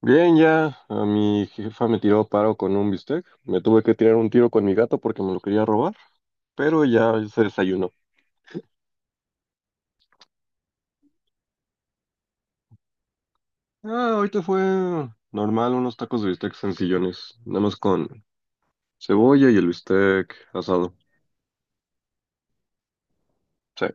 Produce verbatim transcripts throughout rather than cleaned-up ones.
Bien, ya a mi jefa me tiró paro con un bistec. Me tuve que tirar un tiro con mi gato porque me lo quería robar, pero ya se desayunó. Ah, ahorita fue normal, unos tacos de bistec sencillones, nada más con cebolla y el bistec asado. Sí.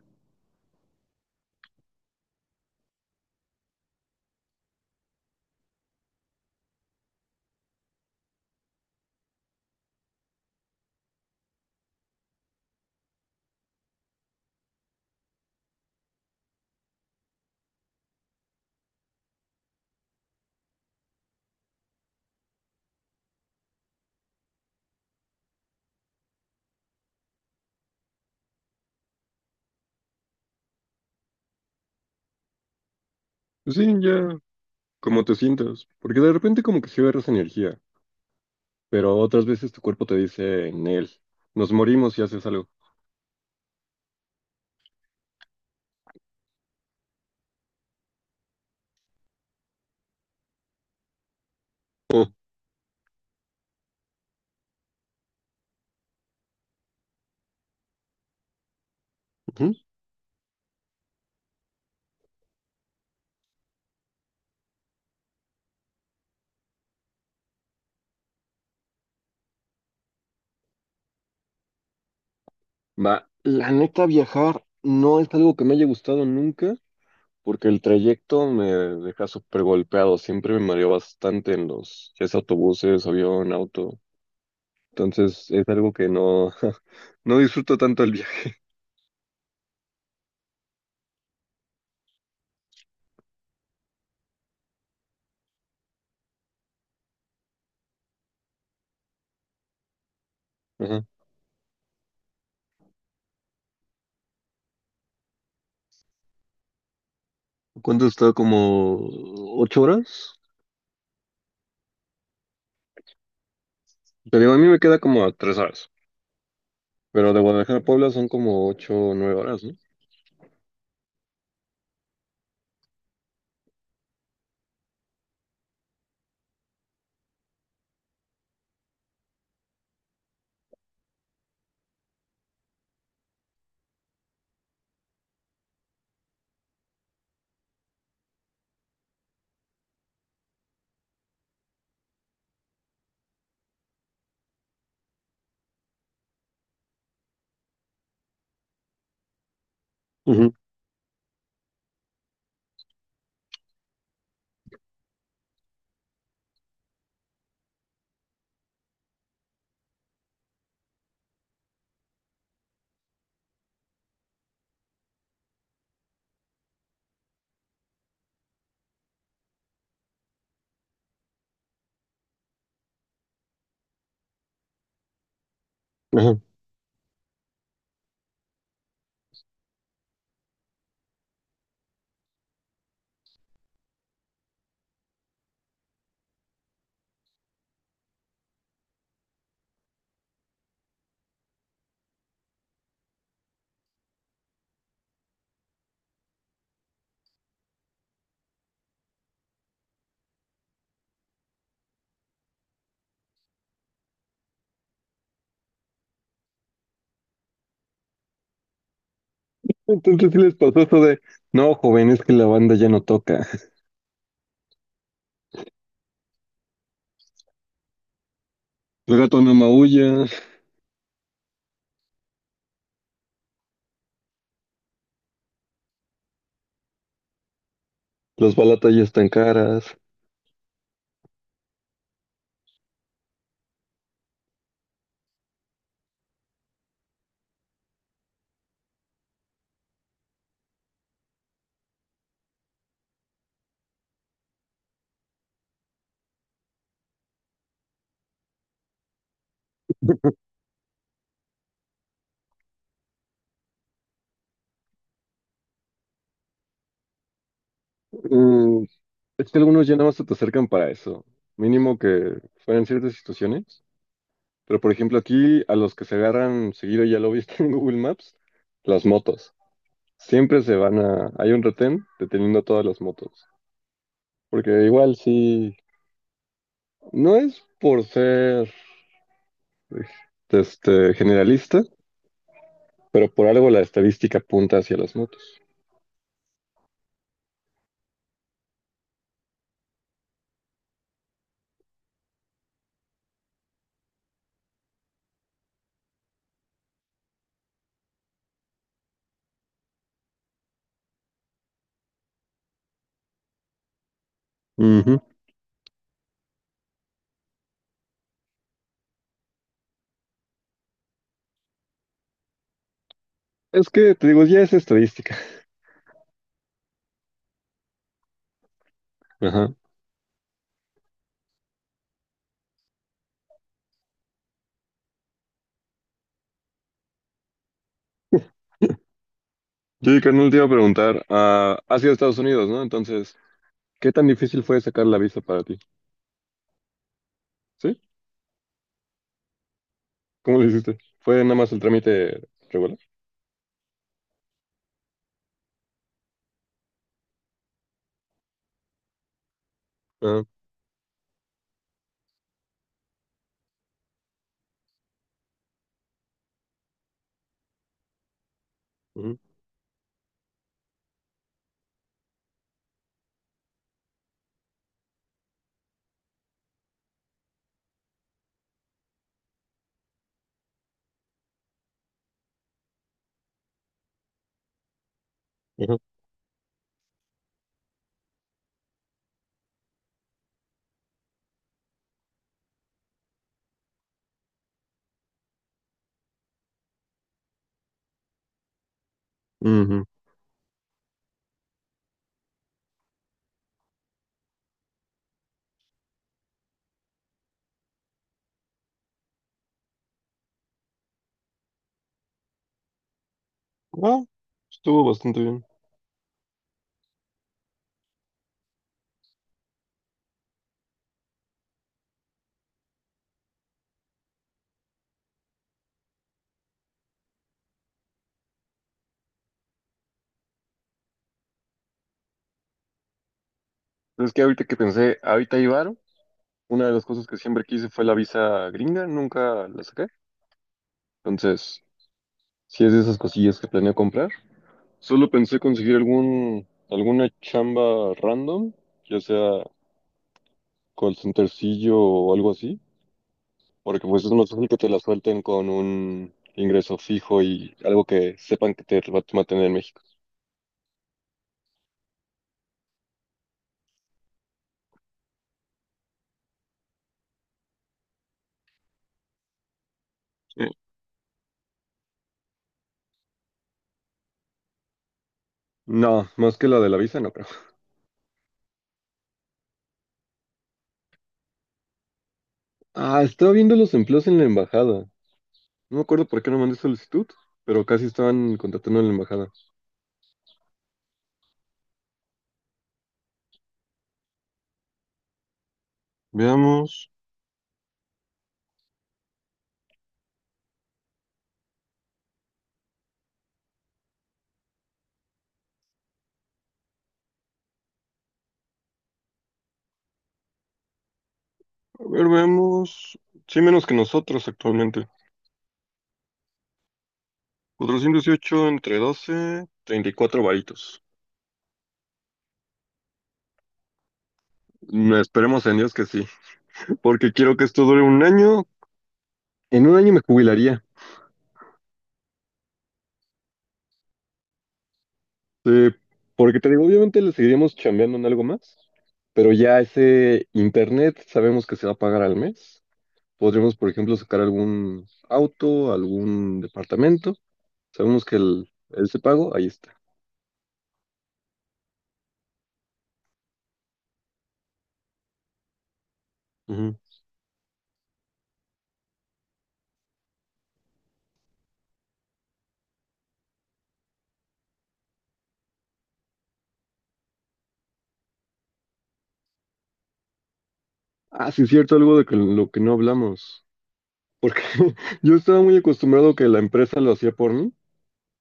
Pues sí, ya, como te sientas, porque de repente como que sí agarras energía, pero otras veces tu cuerpo te dice, Nel, nos morimos y haces algo. Ujú. Va, la neta viajar no es algo que me haya gustado nunca, porque el trayecto me deja súper golpeado, siempre me mareo bastante en los, ya sea autobuses, avión, auto. Entonces es algo que no, no disfruto tanto el viaje. Ajá. ¿Cuánto está? ¿Como ocho horas? Te digo, a mí me queda como a tres horas, pero de Guadalajara a Puebla son como ocho o nueve horas, ¿no? Ujú, ajá. Entonces sí les pasó esto de, no, joven, es que la banda ya no toca. El gato no maulla, las balatas ya están caras. Mm, es que algunos ya nada más se te acercan para eso. Mínimo que fueran ciertas situaciones. Pero por ejemplo aquí a los que se agarran seguido, ya lo viste en Google Maps, las motos. Siempre se van a... Hay un retén deteniendo a todas las motos. Porque igual sí... No es por ser este, generalista, pero por algo la estadística apunta hacia las motos. Ujú. Es que, te digo, ya es estadística. Ajá. Sí, carnal, te iba a preguntar, ah, ¿has ido a Estados Unidos, no? Entonces, ¿qué tan difícil fue sacar la visa para ti? ¿Sí? ¿Cómo lo hiciste? ¿Fue nada más el trámite regular? Ah, ujú, ajá, ujú. Ah, estuvo bastante bien. Es que ahorita que pensé, ahorita hay varo, una de las cosas que siempre quise fue la visa gringa, nunca la saqué. Entonces, si es de esas cosillas que planeo comprar, solo pensé conseguir algún, alguna chamba random, ya sea call centercillo o algo así, porque pues es más fácil que te la suelten con un ingreso fijo y algo que sepan que te va a mantener en México. Sí. No, más que la de la visa, no creo. Ah, estaba viendo los empleos en la embajada. No me acuerdo por qué no mandé solicitud, pero casi estaban contratando en la embajada. Veamos, a ver, veamos. Sí, menos que nosotros actualmente. cuatrocientos dieciocho entre doce, treinta y cuatro varitos. Mm, esperemos en Dios que sí, porque quiero que esto dure un año. En un año me jubilaría. Sí, porque te digo, obviamente le seguiríamos chambeando en algo más, pero ya ese internet sabemos que se va a pagar al mes. Podríamos, por ejemplo, sacar algún auto, algún departamento. Sabemos que el, ese pago, ahí está. Ujú. Ah, sí, es cierto, algo de que, lo que no hablamos. Porque yo estaba muy acostumbrado que la empresa lo hacía por mí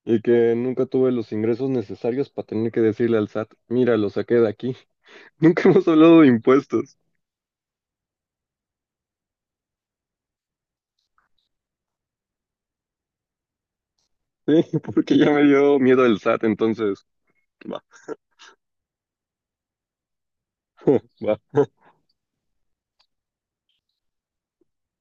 y que nunca tuve los ingresos necesarios para tener que decirle al S A T, mira, lo saqué de aquí. Nunca hemos hablado de impuestos. Sí, porque ya me dio miedo el S A T, entonces, va, va.